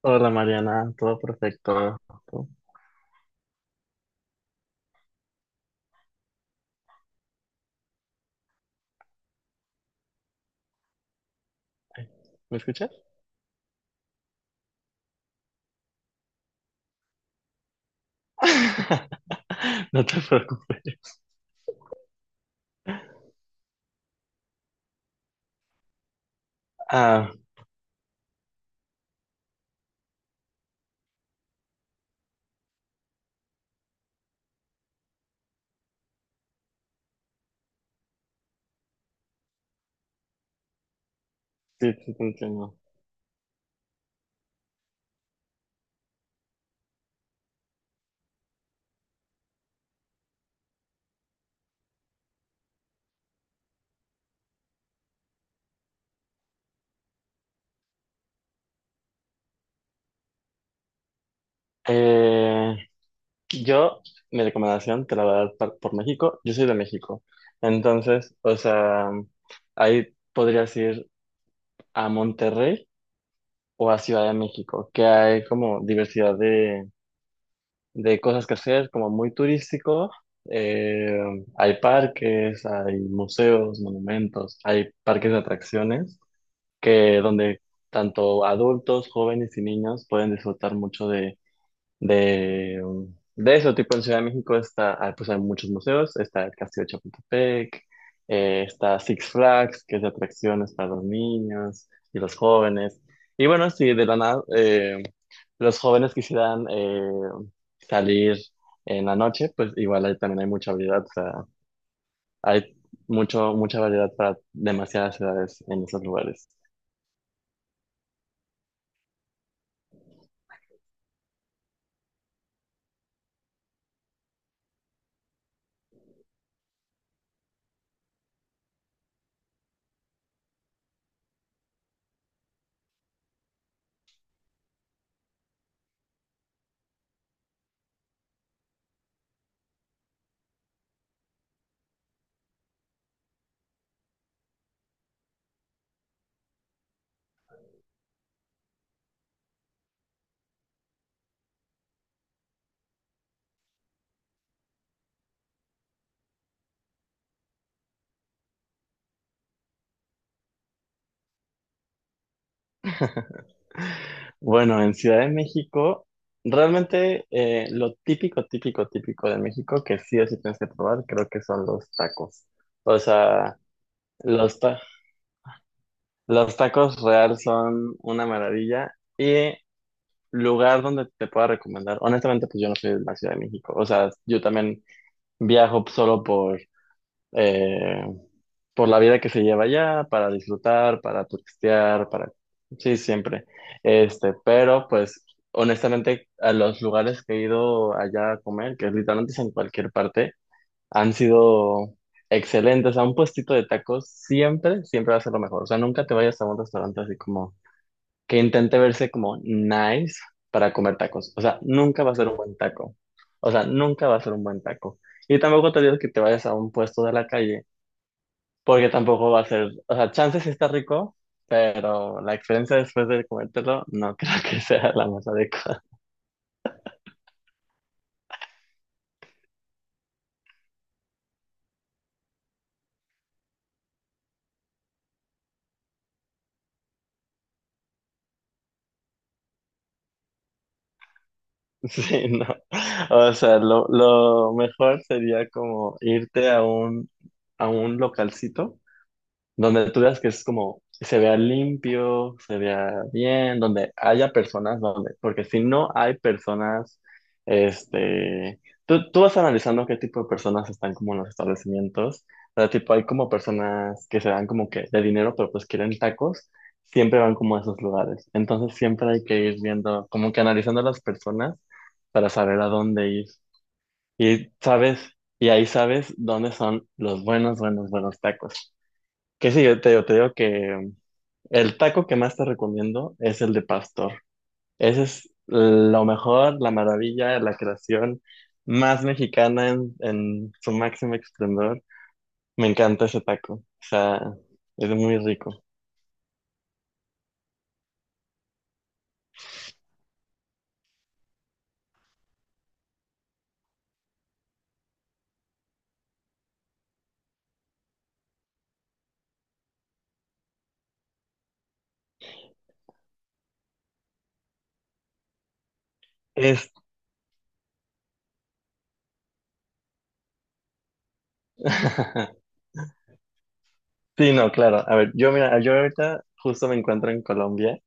Hola Mariana, todo perfecto. ¿Tú? Ay, ¿me escuchas? No te preocupes. Ah, sí, sí, te entiendo. Eh, yo, mi recomendación te la voy a dar por México. Yo soy de México. Entonces, o sea, ahí podrías ir a Monterrey o a Ciudad de México, que hay como diversidad de cosas que hacer, como muy turístico. Eh, Hay parques, hay museos, monumentos, hay parques de atracciones que donde tanto adultos, jóvenes y niños pueden disfrutar mucho de eso. Tipo en Ciudad de México está, ah, pues hay muchos museos, está el Castillo de Chapultepec, está Six Flags, que es de atracciones para los niños y los jóvenes. Y bueno, si de la nada los jóvenes quisieran salir en la noche, pues igual ahí también hay mucha variedad, o sea, hay mucho, mucha variedad para demasiadas ciudades en esos lugares. Bueno, en Ciudad de México, realmente lo típico, típico, típico de México que sí o sí tienes que probar, creo que son los tacos. O sea, los, ta- los tacos real son una maravilla y lugar donde te pueda recomendar, honestamente, pues yo no soy de la Ciudad de México, o sea, yo también viajo solo eh, por la vida que se lleva allá, para disfrutar, para turistear, para... Sí, siempre. Este, pero pues honestamente a los lugares que he ido allá a comer, que literalmente es en cualquier parte, han sido excelentes. A un puestito de tacos siempre, siempre va a ser lo mejor. O sea, nunca te vayas a un restaurante así como que intente verse como nice para comer tacos. O sea, nunca va a ser un buen taco. O sea, nunca va a ser un buen taco. Y tampoco te digo que te vayas a un puesto de la calle, porque tampoco va a ser, o sea, chances sí está rico, pero la experiencia después de comértelo no creo que sea la más adecuada. Sí, no. O sea, lo mejor sería como irte a un localcito donde tú veas que es como, se vea limpio, se vea bien, donde haya personas, donde, porque si no hay personas, este, tú vas analizando qué tipo de personas están como en los establecimientos, o sea, tipo, hay como personas que se dan como que de dinero, pero pues quieren tacos, siempre van como a esos lugares, entonces siempre hay que ir viendo, como que analizando a las personas para saber a dónde ir, y sabes, y ahí sabes dónde son los buenos, buenos, buenos tacos. Que sí, yo te digo que el taco que más te recomiendo es el de pastor. Ese es lo mejor, la maravilla, la creación más mexicana en su máximo esplendor. Me encanta ese taco. O sea, es muy rico. Es... Sí, no, claro. A ver, yo mira, yo ahorita justo me encuentro en Colombia.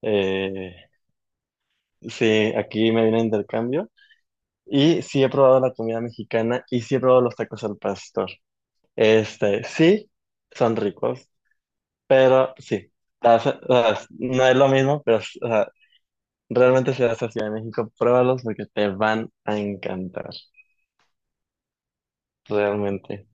Eh, sí, aquí me vine a intercambio. Y sí he probado la comida mexicana y sí he probado los tacos al pastor. Este, sí, son ricos, pero sí, no es lo mismo, pero o sea, realmente si vas a Ciudad de México, pruébalos porque te van a encantar, realmente.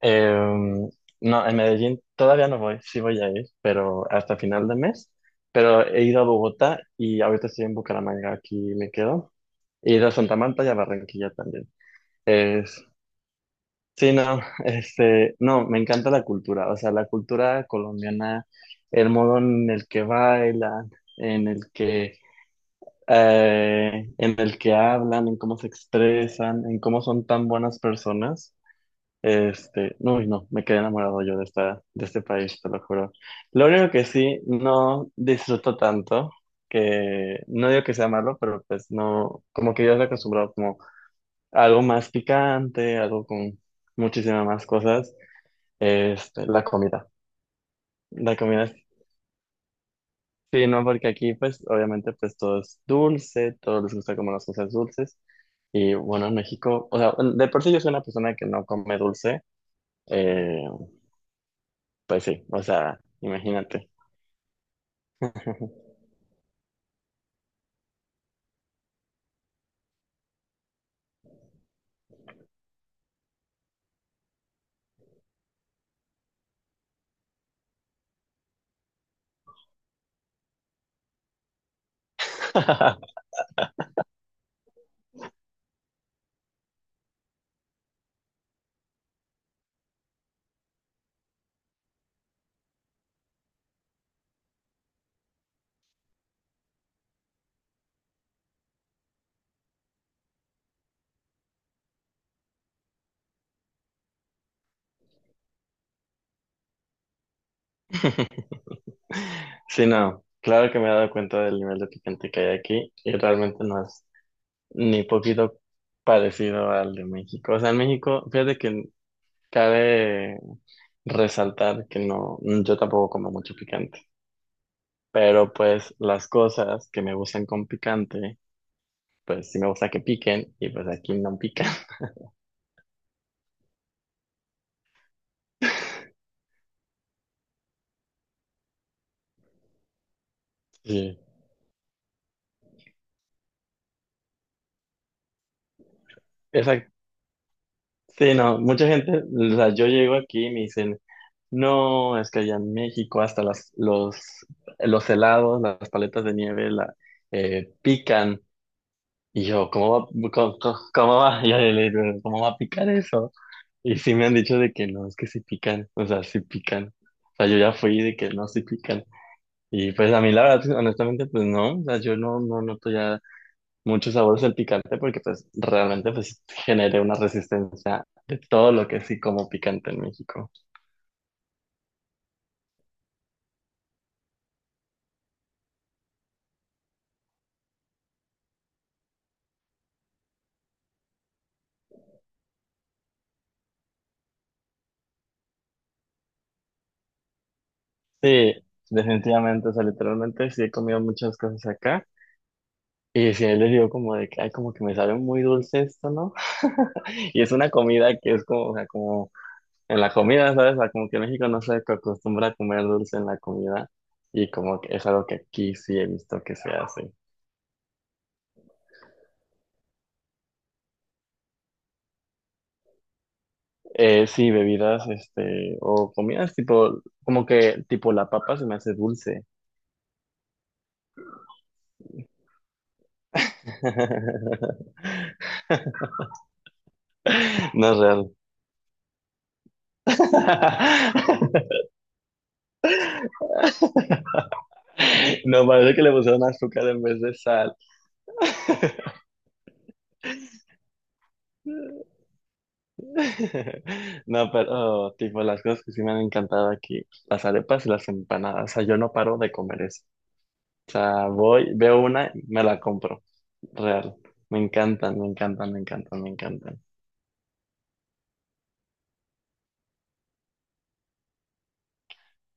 Em, no, en Medellín todavía no voy, sí voy a ir, pero hasta final de mes, pero he ido a Bogotá y ahorita estoy en Bucaramanga, aquí me quedo, he ido a Santa Marta y a Barranquilla también. Sí, no, este, no, me encanta la cultura, o sea, la cultura colombiana, el modo en el que bailan, en el que, en el que hablan, en cómo se expresan, en cómo son tan buenas personas, este, no, no, me quedé enamorado yo de esta, de este país, te lo juro. Lo único que sí, no disfruto tanto, que no digo que sea malo, pero pues no, como que yo estoy acostumbrado como a algo más picante, algo con muchísimas más cosas. Este, la comida. La comida, sí, no, porque aquí pues obviamente pues todo es dulce, todos les gusta como las cosas dulces. Y bueno, en México, o sea, de por sí yo soy una persona que no come dulce, eh, pues sí, o sea, imagínate. Sí, no, claro que me he dado cuenta del nivel de picante que hay aquí y realmente no es ni poquito parecido al de México. O sea, en México, fíjate que cabe resaltar que no, yo tampoco como mucho picante, pero pues las cosas que me gustan con picante, pues sí me gusta que piquen y pues aquí no pican. Sí. Exacto. Sí, no, mucha gente, o sea, yo llego aquí y me dicen, no, es que allá en México hasta los helados, las paletas de nieve pican. Y yo, ¿ cómo va? Y yo le digo, ¿cómo va a picar eso? Y sí me han dicho de que no, es que sí pican, o sea, sí pican. O sea, yo ya fui de que no, sí pican. Y pues a mí la verdad, honestamente, pues no, o sea, yo no, no noto ya muchos sabores del picante porque pues realmente pues generé una resistencia de todo lo que sí como picante en México. Sí, definitivamente, o sea, literalmente sí he comido muchas cosas acá. Y sí, él le digo como de que, ay, como que me sabe muy dulce esto, ¿no? Y es una comida que es como, o sea, como en la comida, ¿sabes? O sea, como que México no se acostumbra a comer dulce en la comida y como que es algo que aquí sí he visto que se hace. Sí, bebidas, este, o comidas tipo, como que tipo la papa se me hace dulce. No es real. No, parece que le pusieron azúcar en vez de sal. No, pero tipo las cosas que sí me han encantado aquí, las arepas y las empanadas, o sea, yo no paro de comer eso. O sea, voy, veo una y me la compro, real. Me encantan, me encantan, me encantan, me encantan.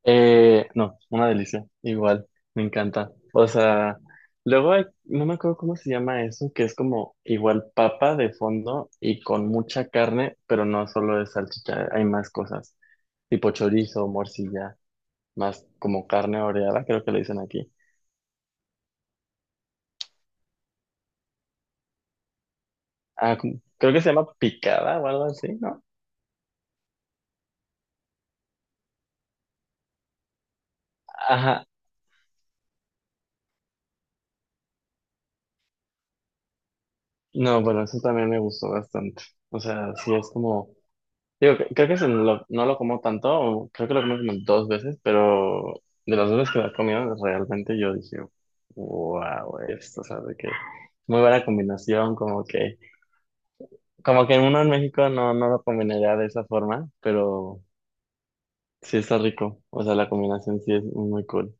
No, una delicia, igual, me encanta. O sea, luego no me acuerdo cómo se llama eso, que es como igual papa de fondo y con mucha carne, pero no solo es salchicha, hay más cosas, tipo chorizo, morcilla. Más como carne oreada, creo que le dicen aquí. Creo que se llama picada o algo así, ¿no? Ajá, no, bueno, eso también me gustó bastante. O sea, sí es como, digo, creo que no lo como tanto, o creo que lo comí como dos veces, pero de las dos veces que lo he comido, realmente yo dije, wow, esto, o sea, de que muy buena combinación, como que uno en México no lo combinaría de esa forma, pero sí está rico, o sea, la combinación sí es muy cool.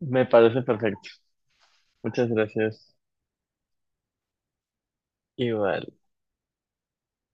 Me parece perfecto. Muchas gracias. Igual.